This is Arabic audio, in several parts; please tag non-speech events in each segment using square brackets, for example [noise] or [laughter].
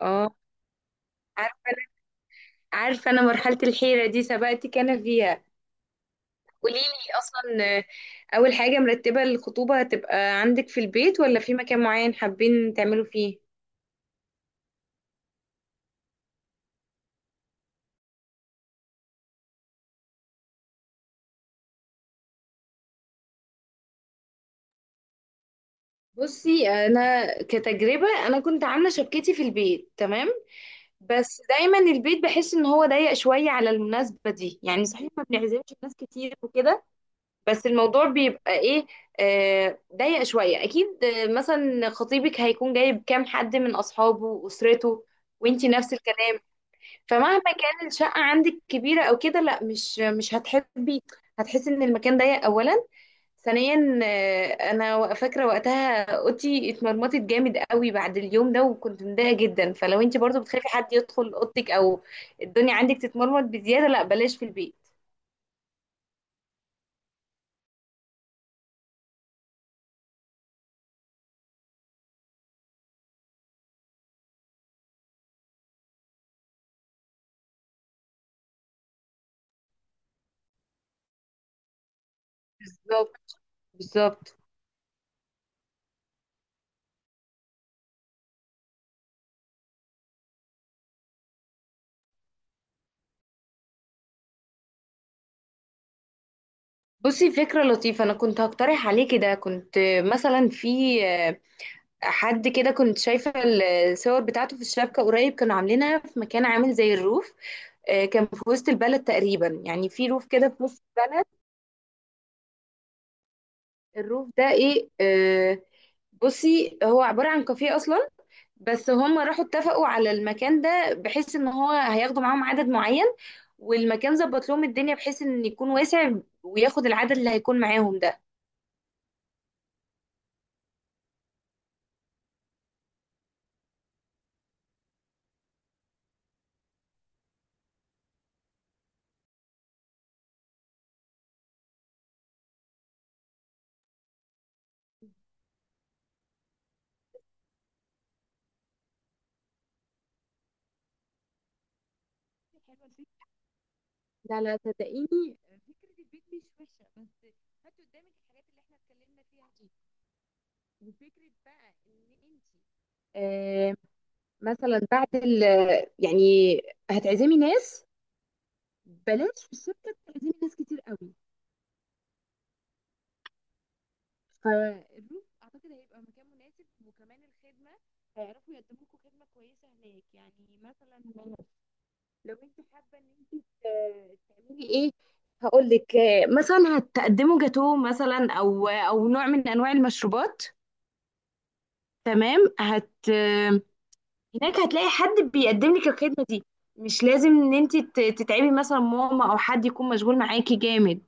اه. عارفه انا عارفه انا مرحله الحيره دي سبقتك انا فيها. قولي لي اصلا. اول حاجه، مرتبه الخطوبه هتبقى عندك في البيت ولا في مكان معين حابين تعملوا فيه؟ بصي، انا كتجربه انا كنت عامله شبكتي في البيت، تمام. بس دايما البيت بحس ان هو ضيق شويه على المناسبه دي، يعني صحيح ما بنعزمش ناس كتير وكده، بس الموضوع بيبقى ايه؟ ضيق شوية اكيد. مثلا خطيبك هيكون جايب كام حد من اصحابه واسرته، وانتي نفس الكلام. فمهما كان الشقة عندك كبيرة او كده، لا، مش هتحبي، هتحسي ان المكان ضيق اولا. ثانيا، انا فاكرة وقتها اوضتي اتمرمطت جامد قوي بعد اليوم ده، وكنت متضايقة جدا. فلو انتي برضو بتخافي حد يدخل اوضتك او الدنيا عندك تتمرمط بزيادة، لا بلاش في البيت. بالظبط، بالظبط. بصي، فكرة لطيفة، أنا كنت هقترح عليه كده، كنت مثلا في حد كده، كنت شايفة الصور بتاعته في الشبكة قريب، كانوا عاملينها في مكان عامل زي الروف. كان في وسط البلد تقريبا، يعني في روف كده في نص البلد. الروف ده إيه؟ بصي، هو عبارة عن كافيه أصلا، بس هم راحوا اتفقوا على المكان ده بحيث إن هو هياخدوا معاهم عدد معين، والمكان ظبط لهم الدنيا بحيث إن يكون واسع وياخد العدد اللي هيكون معاهم. ده، لا لا، صدقيني، فكرة البيت مش وحشة، بس هاتي قدامك الحاجات اللي احنا اتكلمنا فيها دي. وفكرة بقى ان انتي، آه، مثلا بعد يعني هتعزمي ناس، بلاش في الشركة تعزمي ناس كتير قوي. الروف اعتقد هيبقى مكان مناسب، وكمان الخدمة هيعرفوا يقدموا لكم خدمة كويسة هناك. يعني مثلا لو انت حابه ان انت تعملي ايه، هقول لك. مثلا هتقدموا جاتوه مثلا او نوع من انواع المشروبات. تمام. هت آه، هناك هتلاقي حد بيقدم لك الخدمه دي، مش لازم ان انت تتعبي مثلا ماما او حد يكون مشغول معاكي جامد.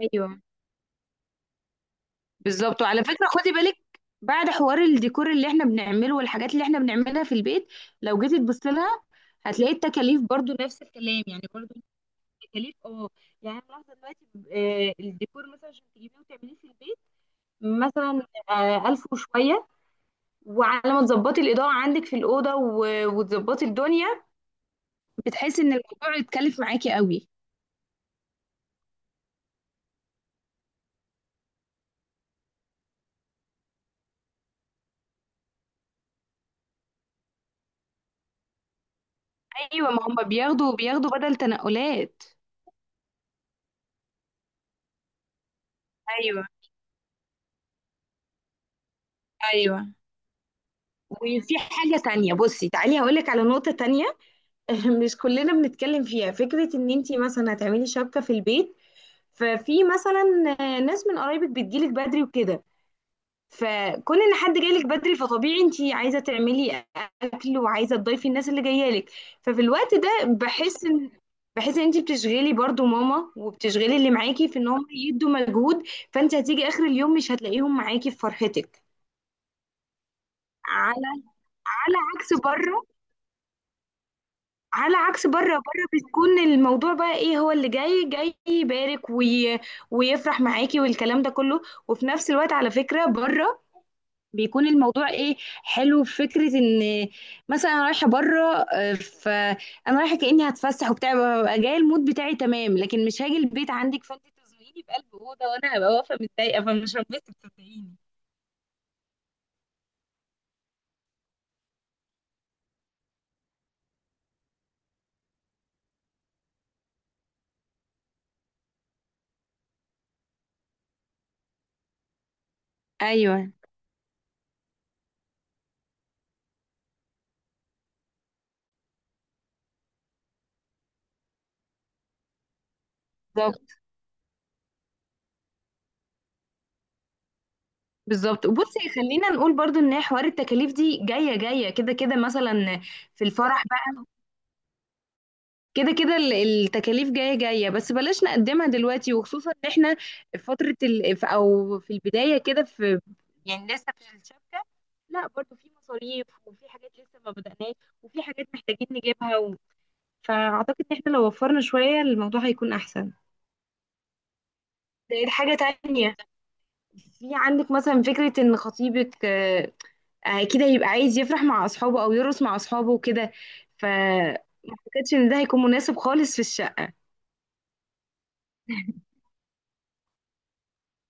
ايوه، بالظبط، وعلى فكره خدي بالك، بعد حوار الديكور اللي احنا بنعمله والحاجات اللي احنا بنعملها في البيت، لو جيتي تبصي لها، هتلاقي التكاليف برضو نفس الكلام، يعني برضو تكاليف. اه، يعني انا ملاحظه دلوقتي، الديكور مثلا عشان تجيبيه وتعمليه في البيت، مثلا ألف وشويه، وعلى ما تظبطي الاضاءه عندك في الاوضه و- وتظبطي الدنيا، بتحسي ان الموضوع يتكلف معاكي قوي. ايوه، ما هم بياخدوا بدل تنقلات. ايوه، ايوه. وفي حاجة تانية، بصي تعالي هقولك على نقطة تانية. [laughs] مش كلنا بنتكلم فيها، فكرة ان انتي مثلا هتعملي شبكة في البيت، ففي مثلا ناس من قرايبك بتجيلك بدري وكده. فكون ان حد جايلك بدري، فطبيعي انت عايزه تعملي اكل وعايزه تضيفي الناس اللي جايه لك. ففي الوقت ده بحس ان انت بتشغلي برضو ماما وبتشغلي اللي معاكي في ان هم يدوا مجهود، فانت هتيجي اخر اليوم مش هتلاقيهم معاكي في فرحتك. على على عكس بره. على عكس بره، بره بتكون الموضوع بقى ايه، هو اللي جاي جاي يبارك وي... ويفرح معاكي والكلام ده كله. وفي نفس الوقت، على فكرة، بره بيكون الموضوع ايه، حلو في فكره ان مثلا انا رايحه بره. فانا رايحه كاني هتفسح وبتاع، ببقى جايه المود بتاعي تمام، لكن مش هاجي البيت عندك فانت تزنقيني بقلب اوضه وانا هبقى واقفه متضايقه فمش هنبسط، صدقيني. ايوه، بالظبط، بالظبط. وبصي، خلينا نقول برضو ان هي حوار التكاليف دي جايه جايه كده كده، مثلا في الفرح، كده كده التكاليف جاية جاية، بس بلاش نقدمها دلوقتي، وخصوصا ان احنا في فترة او في البداية كده، في يعني لسه في الشبكة، لا برضو في مصاريف وفي حاجات لسه ما بدأناش وفي حاجات محتاجين نجيبها فأعتقد ان احنا لو وفرنا شوية الموضوع هيكون أحسن. زائد حاجة تانية، في عندك مثلا فكرة ان خطيبك كده يبقى عايز يفرح مع أصحابه أو يرقص مع أصحابه وكده. ف، ما اعتقدش ان ده هيكون مناسب خالص في الشقة.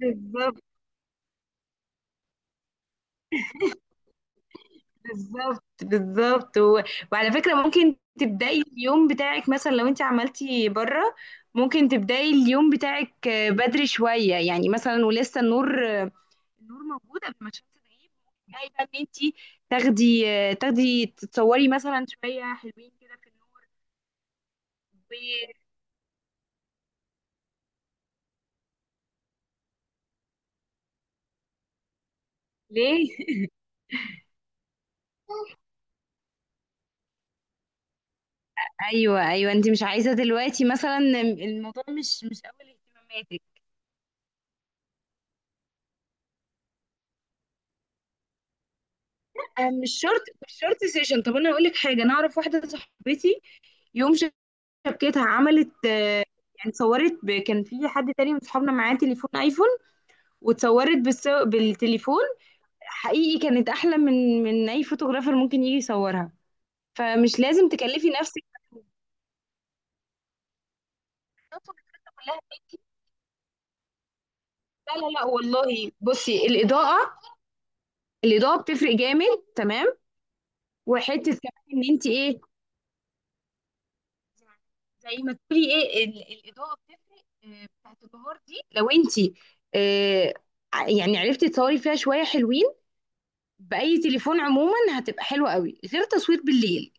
بالظبط، بالظبط، بالظبط. وعلى فكرة ممكن تبدأي اليوم بتاعك مثلا لو انت عملتي بره، ممكن تبدأي اليوم بتاعك بدري شوية، يعني مثلا ولسه النور، النور موجود قبل ما الشمس تغيب. تبدأي بقى ان انت تاخدي تتصوري مثلا شوية حلوين كده في النور. و- ليه؟ ايوه، ايوه، انت مش عايزة دلوقتي، مثلا الموضوع مش اول اهتماماتك. مش شرط مش شرط سيشن. طب انا اقول لك حاجة، انا اعرف واحدة صاحبتي، يوم شبكتها عملت، يعني اتصورت كان في حد تاني من صحابنا معاه تليفون ايفون، واتصورت بالتليفون. حقيقي كانت احلى من اي فوتوغرافر ممكن يجي يصورها. فمش لازم تكلفي نفسك الخطوة كلها. لا لا لا، والله، بصي الاضاءه بتفرق جامد، تمام. وحته كمان ان انت ايه، زي ما تقولي ايه الاضاءه بتفرق، بتاعت النهار دي، لو انت آه، يعني عرفتي تصوري فيها شويه حلوين باي تليفون عموما هتبقى حلوه قوي، غير تصوير بالليل.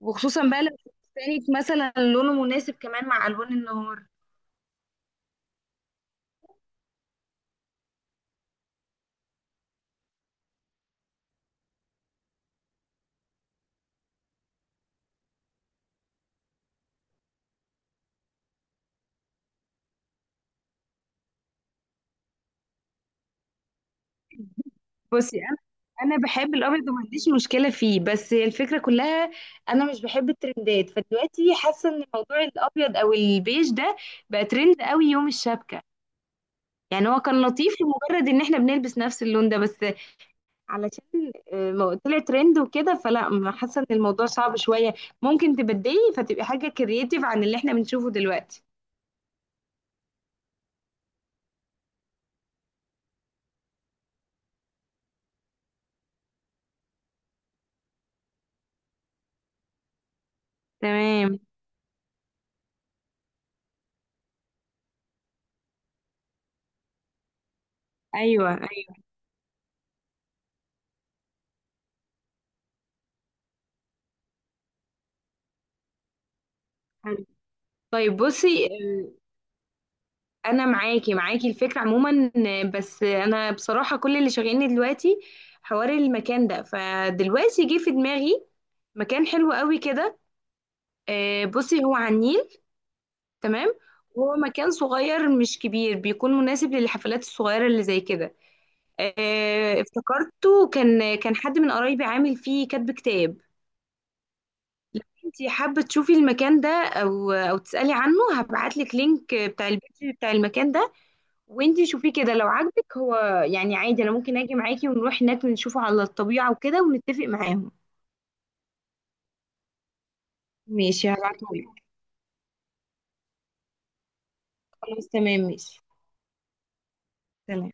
وخصوصا بقى لو كانت مثلا لونه مناسب كمان مع الوان النهار. بصي، انا بحب الابيض وما عنديش مشكله فيه، بس هي الفكره كلها، انا مش بحب الترندات. فدلوقتي حاسه ان موضوع الابيض او البيج ده بقى ترند قوي يوم الشبكه. يعني هو كان لطيف لمجرد ان احنا بنلبس نفس اللون ده، بس علشان طلع ترند وكده، فلا، ما حاسه ان الموضوع صعب شويه. ممكن تبدلي فتبقي حاجه كرييتيف عن اللي احنا بنشوفه دلوقتي. تمام. ايوه، ايوه، حلو. طيب بصي، انا معاكي الفكره عموما، بس انا بصراحه كل اللي شاغلني دلوقتي حوار المكان ده. فدلوقتي جه في دماغي مكان حلو قوي كده. بصي هو على النيل، تمام. هو مكان صغير مش كبير، بيكون مناسب للحفلات الصغيره اللي زي كده. افتكرته، كان حد من قرايبي عامل فيه كاتب كتاب. انتي حابة تشوفي المكان ده او تسألي عنه؟ هبعت لك لينك بتاع البيج بتاع المكان ده، وانتي شوفيه كده لو عاجبك هو. يعني عادي انا ممكن اجي معاكي ونروح هناك ونشوفه على الطبيعة وكده ونتفق معاهم. ماشي، هبعته لك. خلاص، تمام، ماشي. سلام.